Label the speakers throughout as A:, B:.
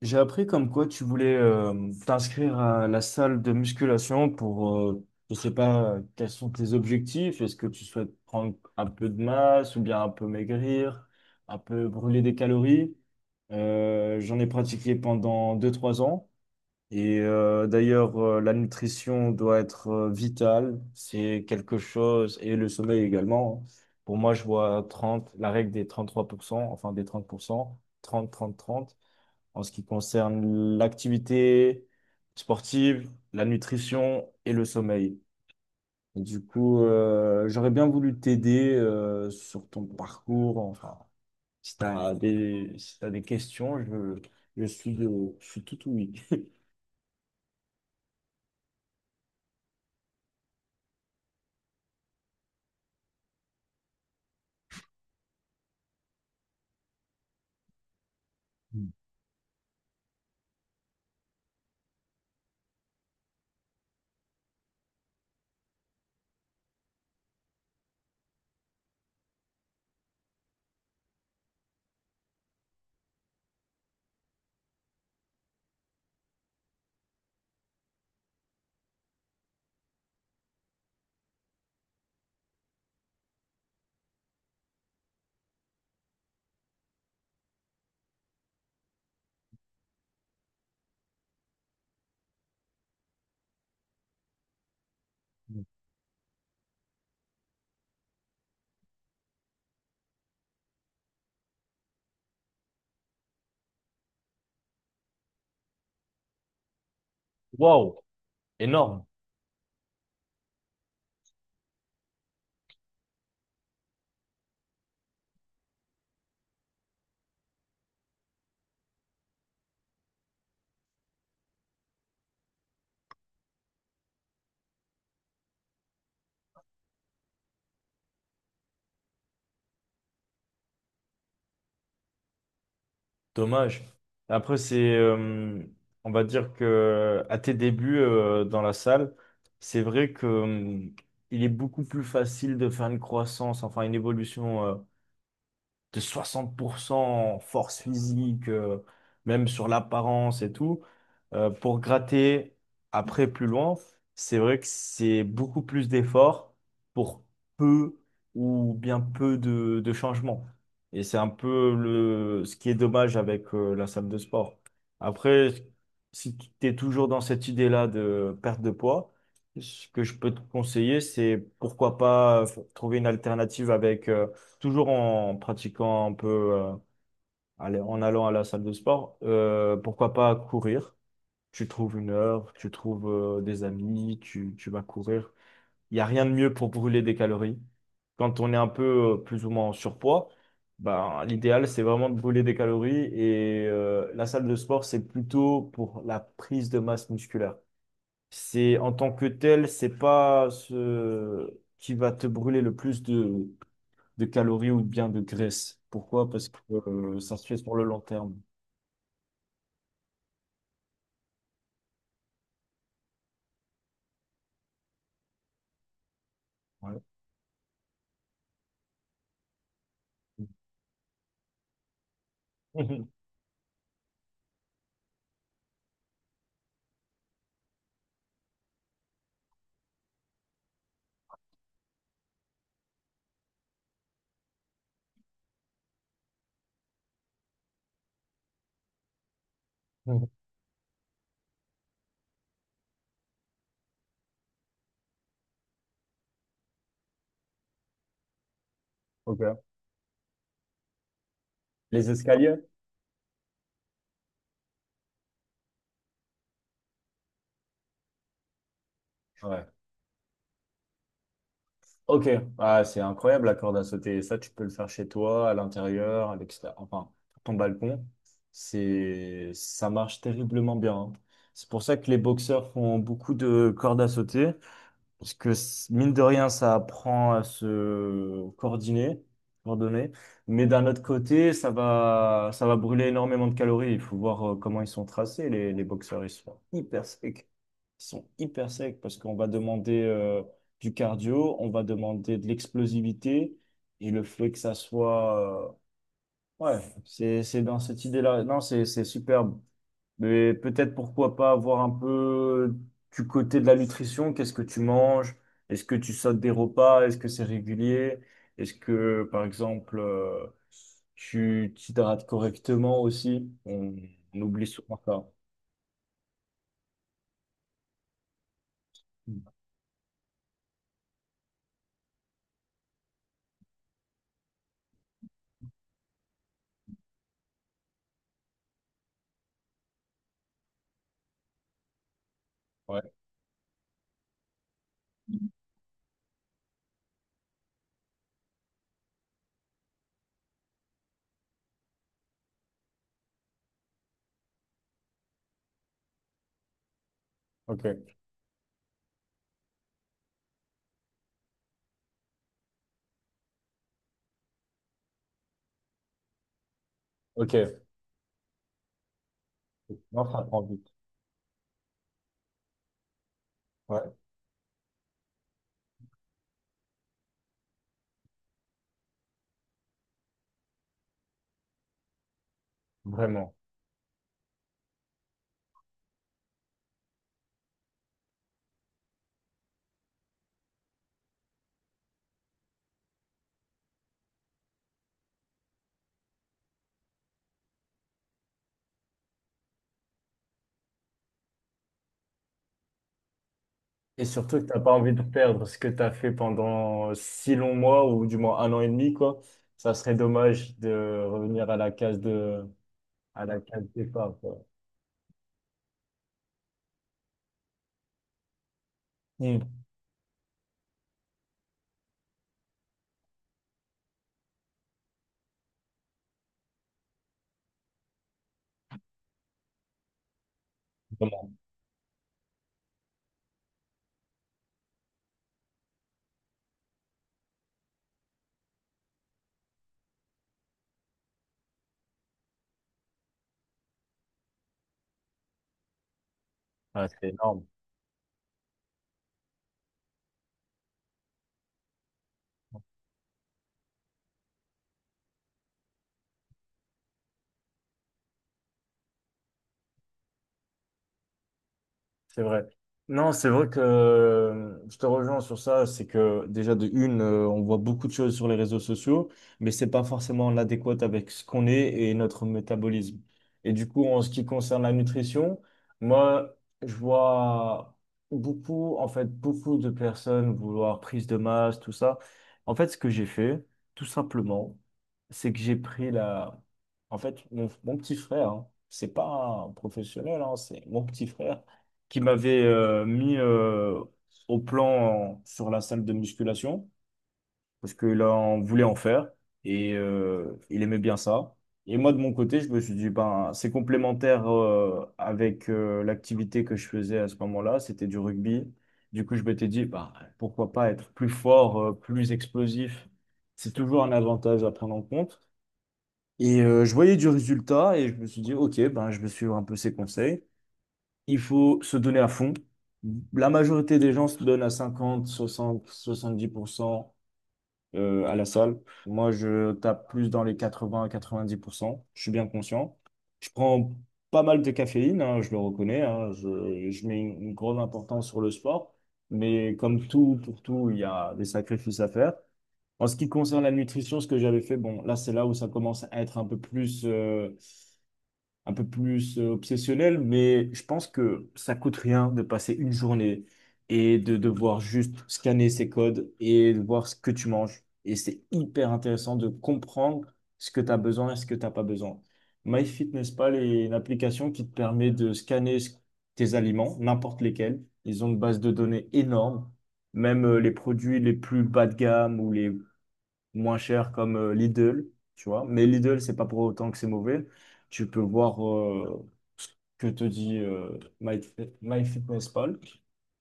A: J'ai appris comme quoi tu voulais t'inscrire à la salle de musculation pour, je sais pas, quels sont tes objectifs? Est-ce que tu souhaites prendre un peu de masse ou bien un peu maigrir, un peu brûler des calories? J'en ai pratiqué pendant deux trois ans et d'ailleurs, la nutrition doit être vitale. C'est quelque chose, et le sommeil également. Hein. Pour moi, je vois 30 la règle des 33% enfin des 30% 30 30 30 en ce qui concerne l'activité sportive, la nutrition et le sommeil. Et du coup, j'aurais bien voulu t'aider sur ton parcours. Enfin, si t'as des questions, je suis tout oui. Wow, énorme, dommage. Après, on va dire que à tes débuts dans la salle, c'est vrai que il est beaucoup plus facile de faire une croissance, enfin une évolution de 60% en force physique, même sur l'apparence et tout, pour gratter après plus loin, c'est vrai que c'est beaucoup plus d'efforts pour peu ou bien peu de changements. Et c'est un peu ce qui est dommage avec la salle de sport. Après, si tu es toujours dans cette idée-là de perte de poids, ce que je peux te conseiller, c'est pourquoi pas trouver une alternative avec toujours en pratiquant un peu, euh, allez, en allant à la salle de sport, pourquoi pas courir? Tu trouves une heure, tu trouves des amis, tu vas courir. Il n'y a rien de mieux pour brûler des calories. Quand on est un peu plus ou moins en surpoids, ben, l'idéal, c'est vraiment de brûler des calories et la salle de sport, c'est plutôt pour la prise de masse musculaire. C'est en tant que tel, c'est pas ce qui va te brûler le plus de calories ou bien de graisse. Pourquoi? Parce que ça se fait sur le long terme. Ouais. Ok. Les escaliers? Ouais. Ok. Ah, c'est incroyable la corde à sauter. Ça, tu peux le faire chez toi, à l'intérieur, à l'extérieur, enfin, sur ton balcon. Ça marche terriblement bien. Hein. C'est pour ça que les boxeurs font beaucoup de cordes à sauter. Mine de rien, ça apprend à se coordonner, coordonner. Mais d'un autre côté, ça va brûler énormément de calories. Il faut voir comment ils sont tracés, les boxeurs. Ils sont hyper secs. Ils sont hyper secs parce qu'on va demander du cardio, on va demander de l'explosivité. Et le fait que ça soit... ouais, c'est dans cette idée-là. Non, c'est superbe. Mais peut-être pourquoi pas avoir un peu du côté de la nutrition, qu'est-ce que tu manges? Est-ce que tu sautes des repas? Est-ce que c'est régulier? Est-ce que, par exemple, tu t'hydrates correctement aussi? On oublie souvent ça. Ouais, ok, ok. Non, ça prend vite. Ouais, vraiment. Et surtout que t'as pas envie de perdre ce que tu as fait pendant 6 longs mois ou du moins un an et demi, quoi. Ça serait dommage de revenir à la case départ, quoi. Hum, Vraiment. Ouais, c'est énorme. C'est vrai. Non, c'est vrai que je te rejoins sur ça, c'est que déjà de une, on voit beaucoup de choses sur les réseaux sociaux, mais c'est pas forcément l'adéquat avec ce qu'on est et notre métabolisme. Et du coup, en ce qui concerne la nutrition, moi, je vois beaucoup, en fait, beaucoup de personnes vouloir prise de masse, tout ça. En fait, ce que j'ai fait, tout simplement, c'est que j'ai pris la... En fait, mon petit frère, hein, c'est pas un professionnel, hein, c'est mon petit frère qui m'avait mis au plan sur la salle de musculation, parce que là, on voulait en faire, et il aimait bien ça. Et moi, de mon côté, je me suis dit, ben, c'est complémentaire avec l'activité que je faisais à ce moment-là, c'était du rugby. Du coup, je m'étais dit, bah, pourquoi pas être plus fort, plus explosif. C'est toujours un avantage à prendre en compte. Et je voyais du résultat et je me suis dit, OK, ben, je vais suivre un peu ses conseils. Il faut se donner à fond. La majorité des gens se donnent à 50, 60, 70% à la salle. Moi, je tape plus dans les 80-90%. Je suis bien conscient. Je prends pas mal de caféine, hein, je le reconnais. Hein. Je mets une grande importance sur le sport. Mais comme tout, pour tout, il y a des sacrifices à faire. En ce qui concerne la nutrition, ce que j'avais fait, bon, là, c'est là où ça commence à être un peu plus obsessionnel, mais je pense que ça coûte rien de passer une journée et de devoir juste scanner ces codes et de voir ce que tu manges. Et c'est hyper intéressant de comprendre ce que tu as besoin et ce que tu n'as pas besoin. MyFitnessPal est une application qui te permet de scanner tes aliments, n'importe lesquels. Ils ont une base de données énorme. Même les produits les plus bas de gamme ou les moins cher comme Lidl, tu vois. Mais Lidl, c'est pas pour autant que c'est mauvais. Tu peux voir que te dit MyFitnessPal.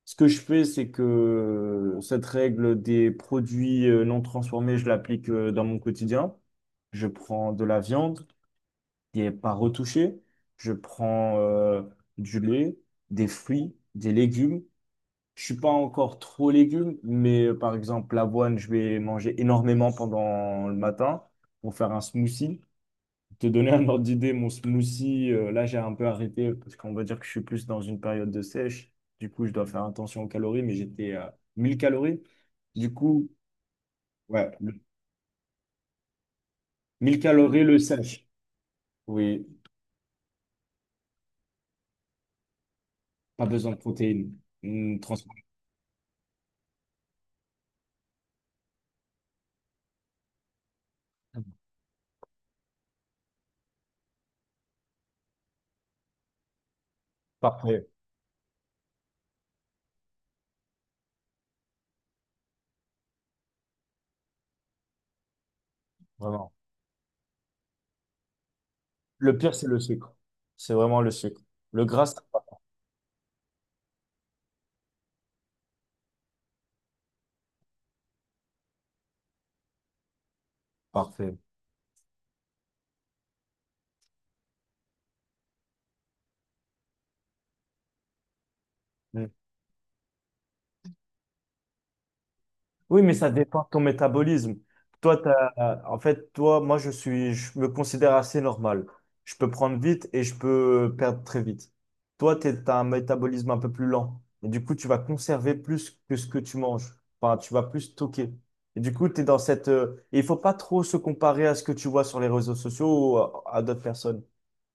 A: Ce que je fais, c'est que cette règle des produits non transformés, je l'applique dans mon quotidien. Je prends de la viande qui n'est pas retouchée. Je prends du lait, des fruits, des légumes. Je suis pas encore trop légumes, mais par exemple, l'avoine, je vais manger énormément pendant le matin pour faire un smoothie. Pour te donner un ordre d'idée, mon smoothie, là, j'ai un peu arrêté parce qu'on va dire que je suis plus dans une période de sèche. Du coup, je dois faire attention aux calories, mais j'étais à 1 000 calories. Du coup, ouais, 1 000 calories le sèche. Oui, pas besoin de protéines. Transforme. Parfait, vraiment. Le pire, c'est le sucre. C'est vraiment le sucre. Le gras, c'est pas- parfait. Oui, mais ça dépend de ton métabolisme. Toi, en fait, toi, moi, je me considère assez normal. Je peux prendre vite et je peux perdre très vite. Toi, tu as un métabolisme un peu plus lent. Et du coup, tu vas conserver plus que ce que tu manges. Enfin, tu vas plus stocker. Et du coup, tu es dans cette... et il faut pas trop se comparer à ce que tu vois sur les réseaux sociaux ou à d'autres personnes.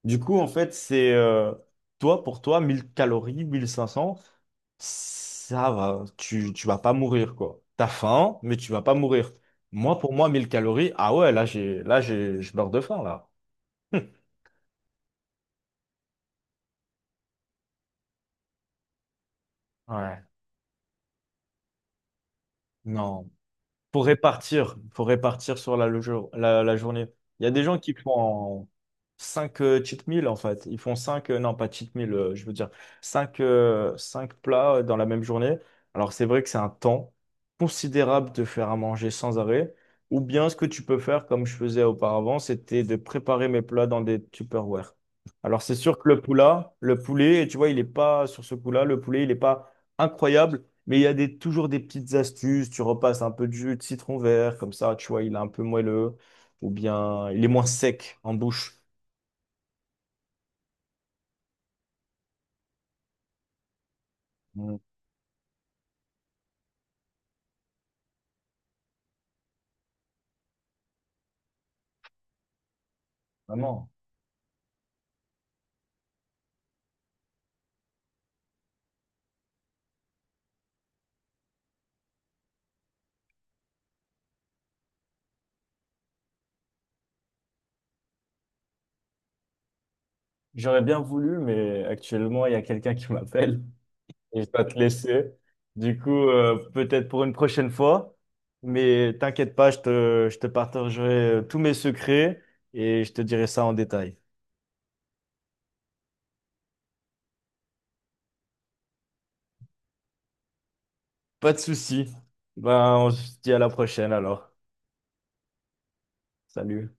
A: Du coup, en fait, c'est toi, pour toi, 1 000 calories, 1 500, ça va, tu vas pas mourir, quoi. T'as faim, mais tu vas pas mourir. Moi, pour moi, 1 000 calories, ah ouais, là, je meurs de faim, là. Ouais. Non. Faut répartir sur la journée. Il y a des gens qui font 5 cheat meals en fait. Ils font 5, non pas cheat meals, je veux dire 5 plats dans la même journée. Alors c'est vrai que c'est un temps considérable de faire à manger sans arrêt. Ou bien ce que tu peux faire comme je faisais auparavant, c'était de préparer mes plats dans des Tupperware. Alors c'est sûr que le poulet, tu vois, il est pas sur ce coup-là, le poulet, il n'est pas incroyable. Mais il y a toujours des petites astuces. Tu repasses un peu de jus de citron vert, comme ça, tu vois, il est un peu moelleux. Ou bien, il est moins sec en bouche. Mm, vraiment. J'aurais bien voulu, mais actuellement, il y a quelqu'un qui m'appelle et je dois te laisser. Du coup, peut-être pour une prochaine fois. Mais t'inquiète pas, je te partagerai tous mes secrets et je te dirai ça en détail. Pas de souci. Ben, on se dit à la prochaine alors. Salut.